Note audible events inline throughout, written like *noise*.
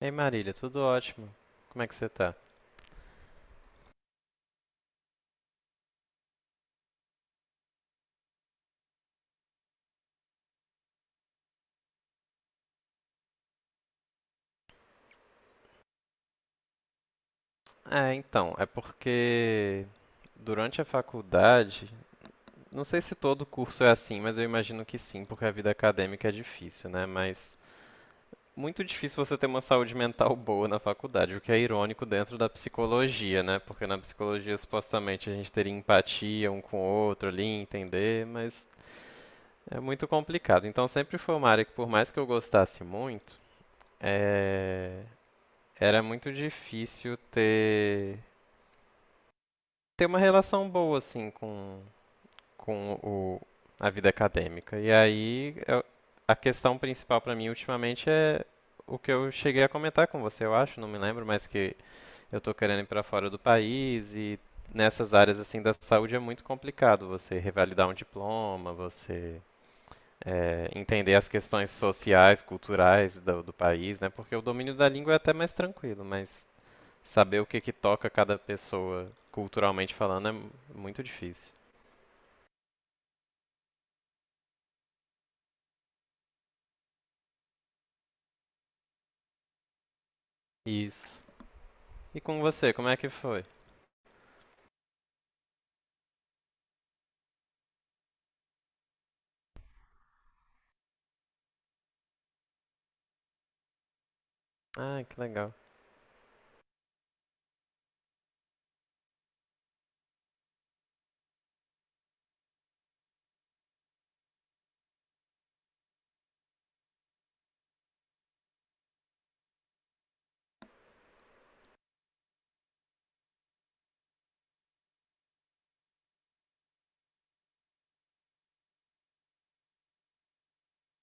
Ei Marília, tudo ótimo. Como é que você tá? É porque durante a faculdade, não sei se todo curso é assim, mas eu imagino que sim, porque a vida acadêmica é difícil, né? Mas muito difícil você ter uma saúde mental boa na faculdade, o que é irônico dentro da psicologia, né? Porque na psicologia supostamente a gente teria empatia um com o outro ali, entender, mas é muito complicado. Então sempre foi uma área que por mais que eu gostasse muito, é, era muito difícil ter ter uma relação boa assim com o a vida acadêmica. A questão principal para mim ultimamente é o que eu cheguei a comentar com você, eu acho, não me lembro, mas que eu tô querendo ir para fora do país. E nessas áreas assim da saúde é muito complicado você revalidar um diploma, entender as questões sociais, culturais do país, né? Porque o domínio da língua é até mais tranquilo, mas saber o que que toca cada pessoa, culturalmente falando, é muito difícil. Isso. E com você, como é que foi? Ah, que legal.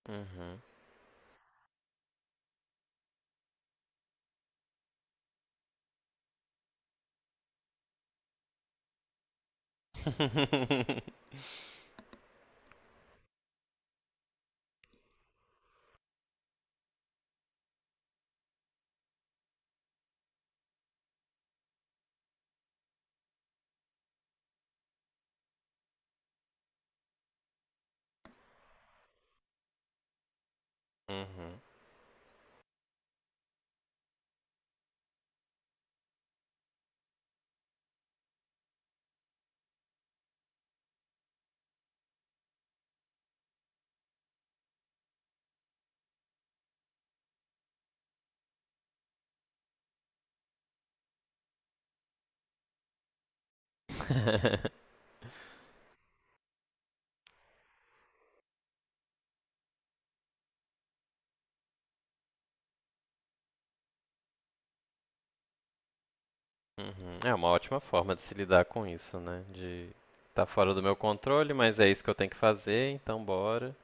Uhum. *laughs* Uhum. *laughs* Uhum. É uma ótima forma de se lidar com isso, né? De tá fora do meu controle, mas é isso que eu tenho que fazer, então bora.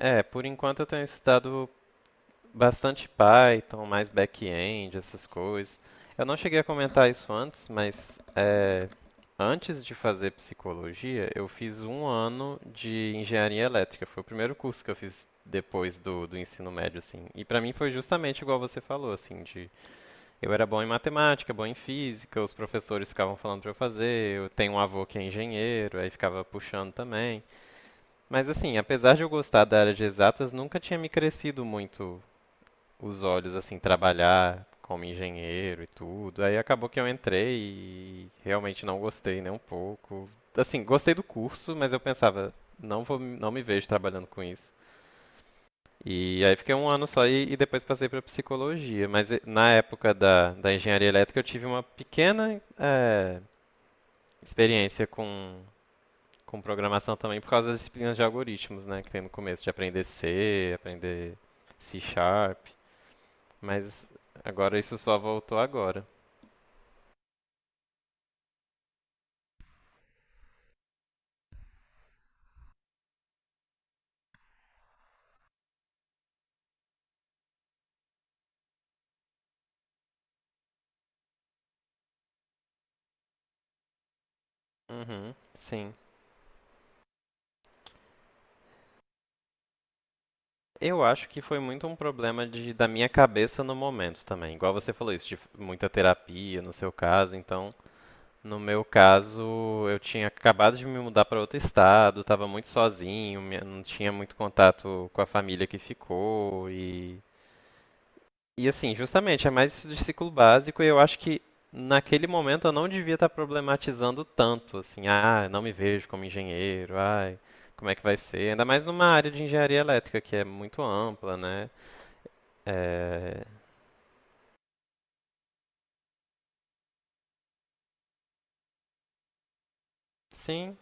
É, por enquanto eu tenho estudado bastante Python, mais back-end, essas coisas. Eu não cheguei a comentar isso antes, mas antes de fazer psicologia, eu fiz um ano de engenharia elétrica. Foi o primeiro curso que eu fiz depois do ensino médio, assim. E pra mim foi justamente igual você falou, assim, de eu era bom em matemática, bom em física, os professores ficavam falando pra eu fazer, eu tenho um avô que é engenheiro, aí ficava puxando também. Mas assim, apesar de eu gostar da área de exatas, nunca tinha me crescido muito os olhos, assim, trabalhar como engenheiro e tudo. Aí acabou que eu entrei e realmente não gostei nem um pouco. Assim, gostei do curso, mas eu pensava, não vou, não me vejo trabalhando com isso. E aí fiquei um ano só e depois passei para psicologia. Mas na época da engenharia elétrica eu tive uma pequena experiência com programação também por causa das disciplinas de algoritmos, né, que tem no começo, de aprender C Sharp. Mas agora isso só voltou agora. Uhum, sim. Eu acho que foi muito um problema de, da minha cabeça no momento também. Igual você falou isso, de muita terapia no seu caso. Então, no meu caso, eu tinha acabado de me mudar para outro estado, estava muito sozinho, minha- não tinha muito contato com a família que ficou. E assim, justamente, é mais isso de ciclo básico e eu acho que naquele momento eu não devia estar problematizando tanto, assim, ah, não me vejo como engenheiro, ai, como é que vai ser? Ainda mais numa área de engenharia elétrica que é muito ampla, né? É, sim,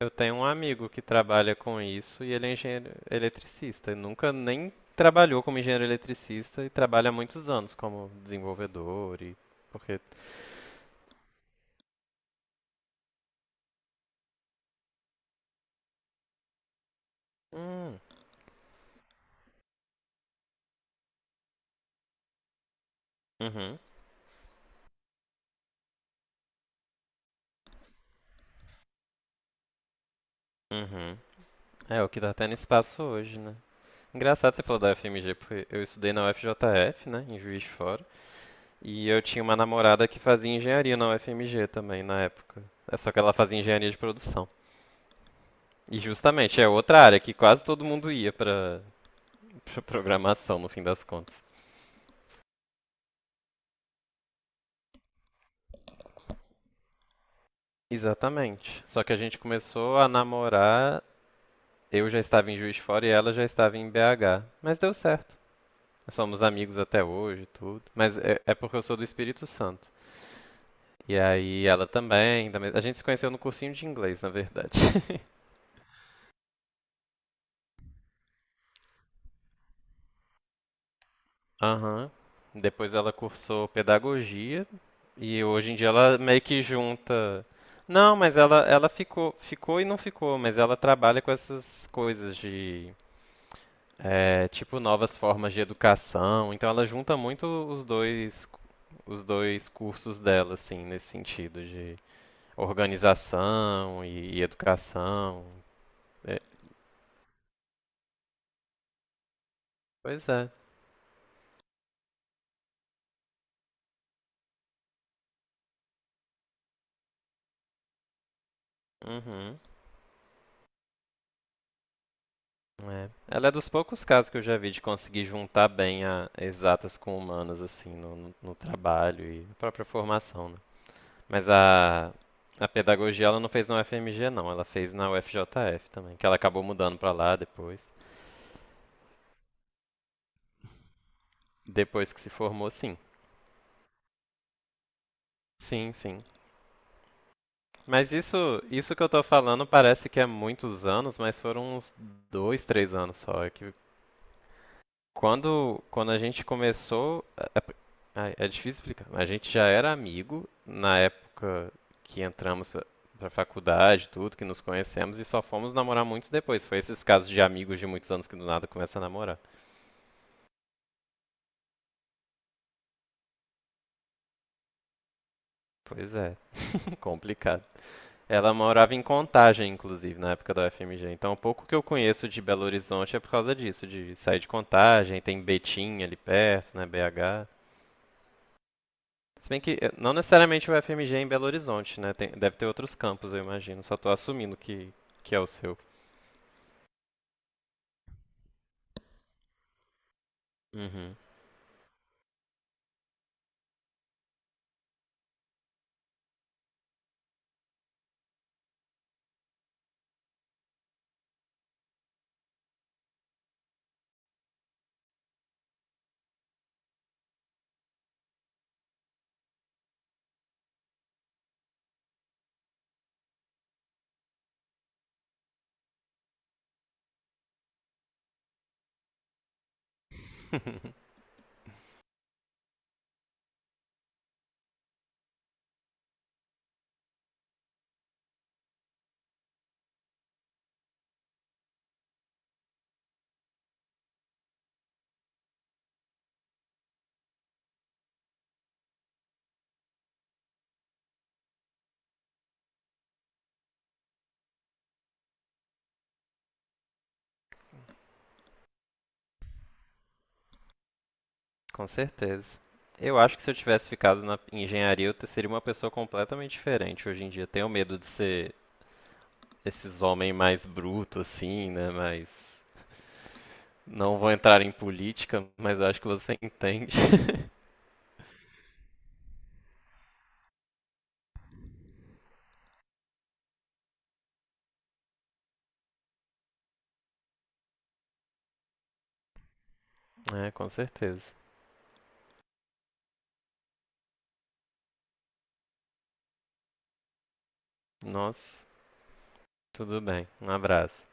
eu tenho um amigo que trabalha com isso e ele é engenheiro eletricista, e nunca nem trabalhou como engenheiro eletricista e trabalha há muitos anos como desenvolvedor e porque… Hum, uhum, uhum. É o que tá tendo espaço hoje, né? Engraçado você falar da FMG, porque eu estudei na UFJF, né, em Juiz de Fora, e eu tinha uma namorada que fazia engenharia na UFMG também, na época. É só que ela fazia engenharia de produção. E justamente é outra área que quase todo mundo ia pra programação, no fim das contas. Exatamente. Só que a gente começou a namorar, eu já estava em Juiz de Fora e ela já estava em BH. Mas deu certo. Somos amigos até hoje, e tudo. Mas é porque eu sou do Espírito Santo. E aí ela também, da… a gente se conheceu no cursinho de inglês, na verdade. Aham. Depois ela cursou pedagogia e hoje em dia ela meio que junta. Não, mas ela ficou e não ficou, mas ela trabalha com essas coisas de tipo novas formas de educação. Então ela junta muito os dois cursos dela assim, nesse sentido de organização e educação. É, pois é. Uhum. É. Ela é dos poucos casos que eu já vi de conseguir juntar bem a exatas com humanas, assim, no, no- no trabalho e a própria formação, né? Mas a pedagogia ela não fez na UFMG, não. Ela fez na UFJF também, que ela acabou mudando pra lá depois. Depois que se formou, sim. Sim, sim. Mas isso que eu tô falando parece que é muitos anos, mas foram uns dois, três anos só. É que… Quando a gente começou. É, é- é difícil explicar. A gente já era amigo na época que entramos pra faculdade, tudo, que nos conhecemos, e só fomos namorar muito depois. Foi esses casos de amigos de muitos anos que do nada começa a namorar. Pois é, *laughs* complicado. Ela morava em Contagem, inclusive, na época da UFMG. Então, o pouco que eu conheço de Belo Horizonte é por causa disso, de sair de Contagem, tem Betim ali perto, né, BH. Se bem que não necessariamente o FMG é em Belo Horizonte, né? Tem- deve ter outros campos, eu imagino. Só tô assumindo que é o seu. Uhum. *laughs* Com certeza. Eu acho que se eu tivesse ficado na engenharia, eu te- seria uma pessoa completamente diferente hoje em dia. Tenho medo de ser esses homens mais brutos, assim, né? Mas não vou entrar em política, mas acho que você entende. *laughs* É, com certeza. Nossa, tudo bem. Um abraço.